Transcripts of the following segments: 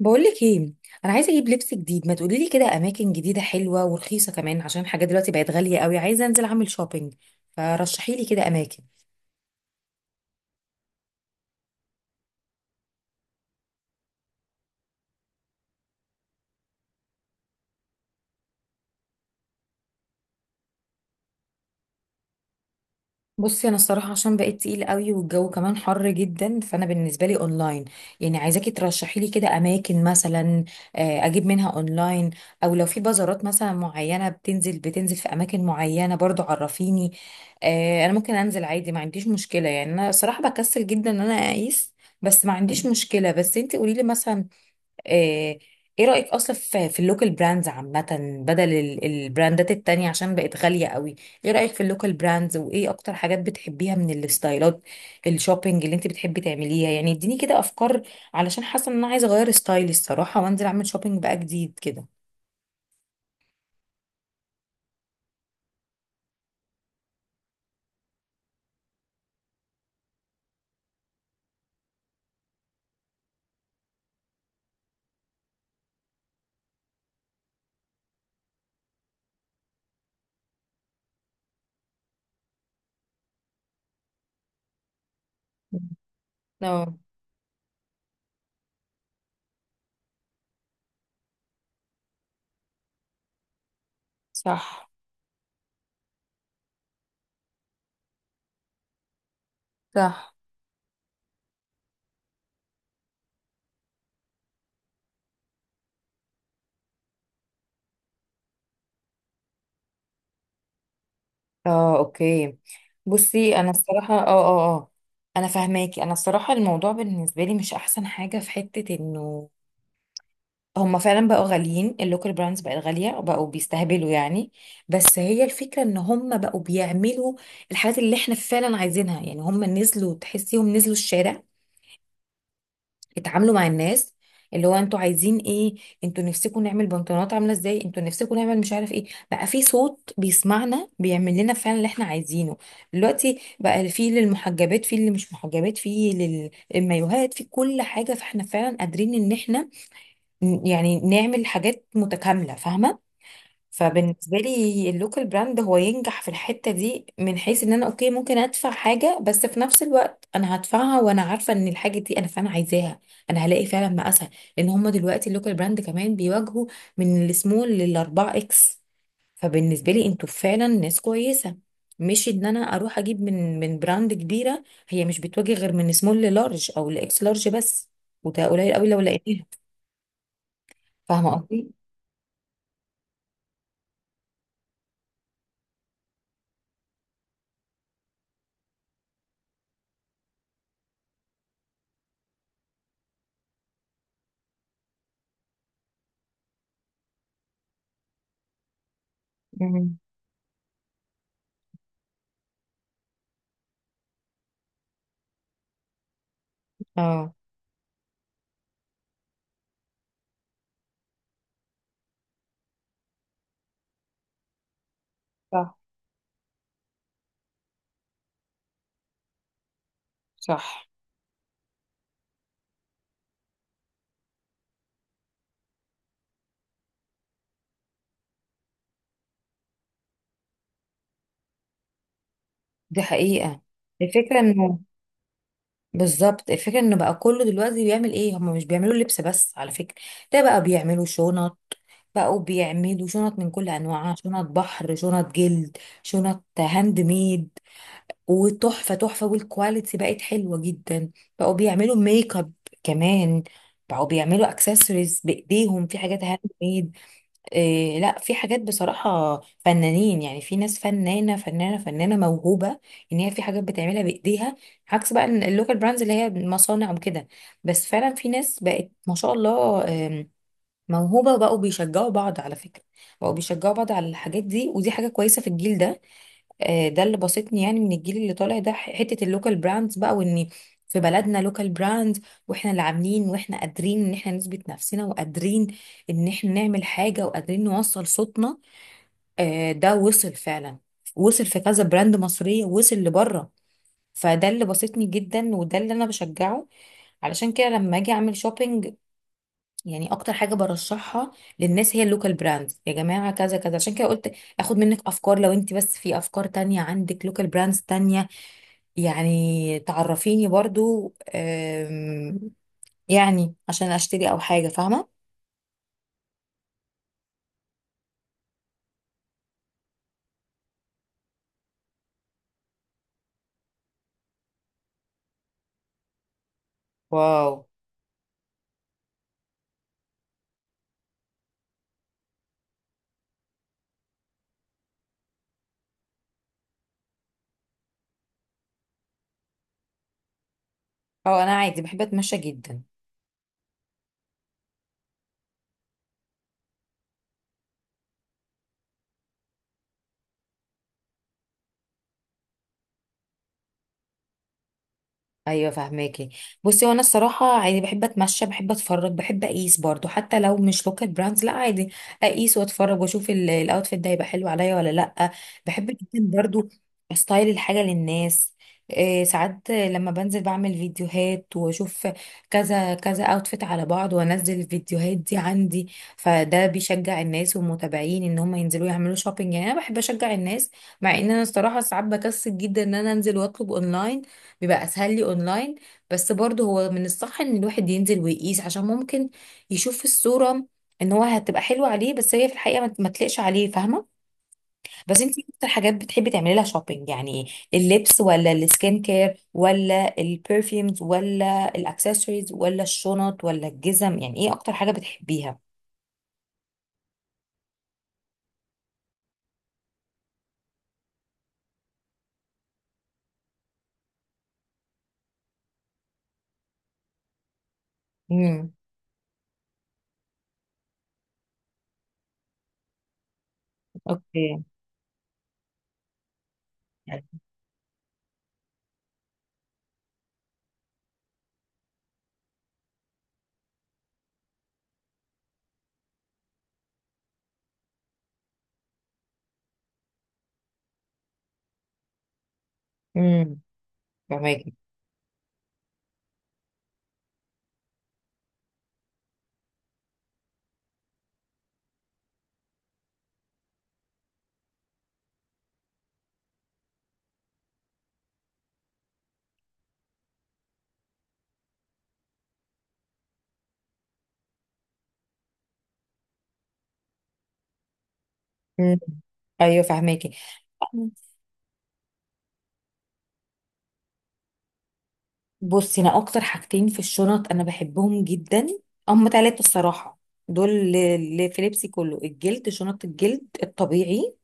بقولك ايه؟ انا عايزه اجيب لبس جديد، ما تقولي لي كده اماكن جديده حلوه ورخيصه كمان، عشان الحاجات دلوقتي بقت غاليه قوي. عايزه انزل اعمل شوبينج. فرشحي لي كده اماكن. بصي، انا الصراحه عشان بقيت تقيل قوي والجو كمان حر جدا، فانا بالنسبه لي اونلاين. يعني عايزاكي ترشحي لي كده اماكن مثلا. آه، اجيب منها اونلاين. او لو في بازارات مثلا معينه بتنزل في اماكن معينه برضو، عرفيني. آه، انا ممكن انزل عادي، ما عنديش مشكله، يعني انا صراحه بكسل جدا ان انا اقيس. بس ما عنديش مشكله، بس انت قولي لي مثلا. آه. ايه رأيك اصلا في اللوكال براندز عامة؟ بدل البراندات التانية عشان بقت غالية قوي. ايه رأيك في اللوكال براندز، وايه اكتر حاجات بتحبيها من الستايلات؟ الشوبينج اللي انت بتحبي تعمليها، يعني اديني كده افكار. علشان حاسة ان انا عايزة اغير ستايلي الصراحة، وانزل اعمل شوبينج بقى جديد كده. اه، صح، صح، اه، اوكي. بصي انا الصراحه، اه، اه، اه. انا فاهماكي، انا الصراحه الموضوع بالنسبه لي، مش احسن حاجه في حته انه هما فعلا بقوا غاليين، اللوكال براندز بقت غالية وبقوا بيستهبلوا يعني. بس هي الفكرة ان هما بقوا بيعملوا الحاجات اللي احنا فعلا عايزينها، يعني هما نزلوا تحسيهم نزلوا الشارع، اتعاملوا مع الناس، اللي هو انتوا عايزين ايه، انتوا نفسكم نعمل بنطلونات عاملة ازاي، انتوا نفسكم نعمل مش عارف ايه. بقى في صوت بيسمعنا، بيعمل لنا فعلا اللي احنا عايزينه. دلوقتي بقى في للمحجبات، في اللي مش محجبات، في للمايوهات، في كل حاجة، فاحنا فعلا قادرين ان احنا يعني نعمل حاجات متكاملة، فاهمة؟ فبالنسبة لي اللوكال براند هو ينجح في الحتة دي، من حيث ان انا اوكي ممكن ادفع حاجة، بس في نفس الوقت انا هدفعها وانا عارفة ان الحاجة دي انا فعلا عايزاها. انا هلاقي فعلا مقاسها. لان هما دلوقتي اللوكال براند كمان بيواجهوا من السمول للاربعة اكس. فبالنسبة لي انتوا فعلا ناس كويسة. مش ان انا اروح اجيب من براند كبيرة. هي مش بتواجه غير من سمول للارج او لاكس لارج بس. وده قليل قوي لو لقيتها. فاهمة قصدي؟ اه، صح، صح، دي حقيقة. الفكرة انه بالظبط، الفكرة انه بقى كله دلوقتي بيعمل ايه، هم مش بيعملوا لبس بس على فكرة. ده بقى بيعملوا شنط، بقوا بيعملوا شنط من كل انواعها، شنط بحر، شنط جلد، شنط هاند ميد، وتحفة تحفة، والكواليتي بقت حلوة جدا. بقوا بيعملوا ميك اب كمان، بقوا بيعملوا اكسسوارز بايديهم، في حاجات هاند ميد. إيه لا، في حاجات بصراحة، فنانين، يعني في ناس فنانة فنانة فنانة موهوبة، ان هي في حاجات بتعملها بايديها، عكس بقى اللوكال براندز اللي هي مصانع وكده. بس فعلا في ناس بقت ما شاء الله موهوبة، وبقوا بيشجعوا بعض على فكرة. بقوا بيشجعوا بعض على الحاجات دي، ودي حاجة كويسة في الجيل ده. ده اللي بسطني يعني من الجيل اللي طالع ده، حته اللوكال براندز بقى، وان في بلدنا لوكال براند، واحنا اللي عاملين، واحنا قادرين ان احنا نثبت نفسنا، وقادرين ان احنا نعمل حاجه، وقادرين نوصل صوتنا. ده وصل فعلا، وصل في كذا براند مصريه، وصل لبره. فده اللي بسطني جدا، وده اللي انا بشجعه. علشان كده لما اجي اعمل شوبينج، يعني اكتر حاجه برشحها للناس هي اللوكال براندز، يا جماعه، كذا كذا. عشان كده قلت اخد منك افكار، لو انت بس في افكار تانية عندك لوكال براندز تانية، يعني تعرفيني برضو يعني عشان اشتري او حاجة، فاهمة؟ واو. اه، انا عادي بحب اتمشى جدا. ايوه فهماكي. بصي وانا الصراحه عادي بحب اتمشى، بحب اتفرج، بحب اقيس برضو، حتى لو مش لوكال براندز، لا عادي اقيس واتفرج واشوف الاوتفيت ده هيبقى حلو عليا ولا لا. بحب جدا برضو استايل الحاجه للناس. إيه ساعات لما بنزل بعمل فيديوهات، واشوف كذا كذا اوتفيت على بعض، وانزل الفيديوهات دي عندي. فده بيشجع الناس والمتابعين ان هم ينزلوا يعملوا شوبينج، يعني انا بحب اشجع الناس. مع ان انا الصراحه ساعات بكسل جدا ان انا انزل واطلب اونلاين. بيبقى اسهل لي اونلاين. بس برضه هو من الصح ان الواحد ينزل ويقيس، عشان ممكن يشوف في الصورة ان هو هتبقى حلوة عليه بس هي في الحقيقة ما تليقش عليه، فاهمة؟ بس انتي إيه اكتر حاجات بتحبي تعملي لها شوبينج؟ يعني اللبس ولا السكين كير ولا البرفيومز ولا الاكسسوارز ولا الشنط ولا الجزم؟ يعني ايه اكتر حاجة بتحبيها؟ امم، اوكي. امم، فهماكي. امم، ايوه، فهماكي. بصي انا اكتر حاجتين في الشنط انا بحبهم جدا، هم ثلاثه الصراحه، دول اللي في لبسي كله الجلد، شنط الجلد الطبيعي،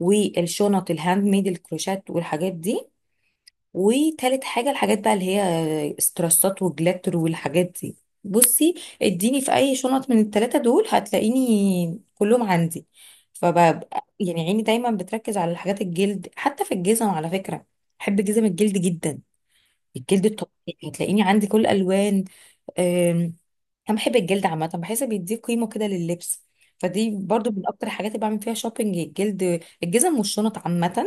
والشنط الهاند ميد الكروشات والحاجات دي، وتالت حاجه الحاجات بقى، اللي هي استرسات وجلاتر والحاجات دي. بصي، اديني في اي شنط من الثلاثه دول هتلاقيني كلهم عندي. فببقى يعني عيني دايما بتركز على الحاجات الجلد، حتى في الجزم على فكره. بحب جزم الجلد جدا. الجلد الطبيعي هتلاقيني عندي كل الالوان. أم، انا بحب الجلد عامه، بحس بيديه قيمه كده لللبس. فدي برضو من اكتر الحاجات اللي بعمل فيها شوبينج، الجلد، الجزم والشنط عامه.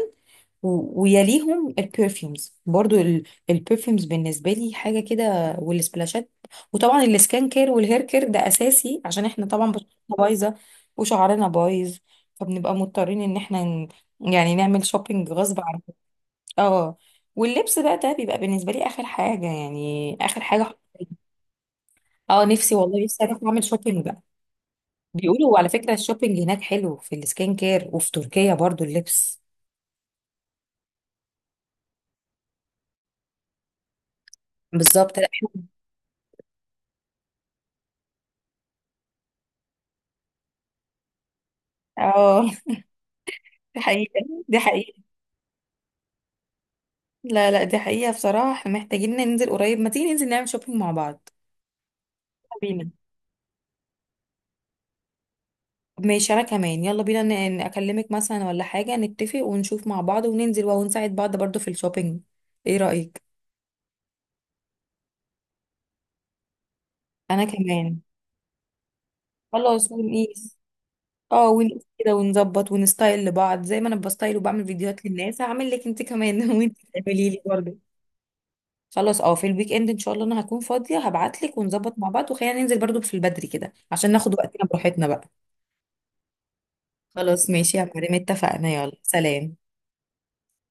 ويليهم البرفيومز برضو البرفيومز بالنسبه لي حاجه كده، والسبلاشات. وطبعا السكان كير والهير كير ده اساسي، عشان احنا طبعا بشرتنا بايظه وشعرنا بايظ، فبنبقى مضطرين ان احنا يعني نعمل شوبينج غصب عننا. اه. واللبس بقى ده بيبقى بالنسبه لي اخر حاجه، يعني اخر حاجه. اه، نفسي والله، لسه اروح اعمل شوبينج بقى. بيقولوا على فكره الشوبينج هناك حلو في السكين كير، وفي تركيا برضو اللبس. بالظبط، لا. اه، دي حقيقه. دي حقيقه. لا، لا، دي حقيقه بصراحه، احنا محتاجين ننزل قريب، ما تيجي ننزل نعمل شوبينج مع بعض. يلا بينا. ماشي انا كمان، يلا بينا اكلمك مثلا ولا حاجه، نتفق ونشوف مع بعض وننزل ونساعد بعض برضو في الشوبينج. ايه رايك؟ انا كمان. خلاص ونقيس. اه، ونقيس كده ونظبط ونستايل لبعض زي ما انا بستايل وبعمل فيديوهات للناس، هعمل لك انت كمان وانت تعملي لي برضه. خلاص، اه، في الويك اند ان شاء الله انا هكون فاضيه، هبعت لك ونظبط مع بعض، وخلينا ننزل برضه في البدري كده عشان ناخد وقتنا براحتنا بقى. خلاص ماشي يا مريم اتفقنا، يلا سلام.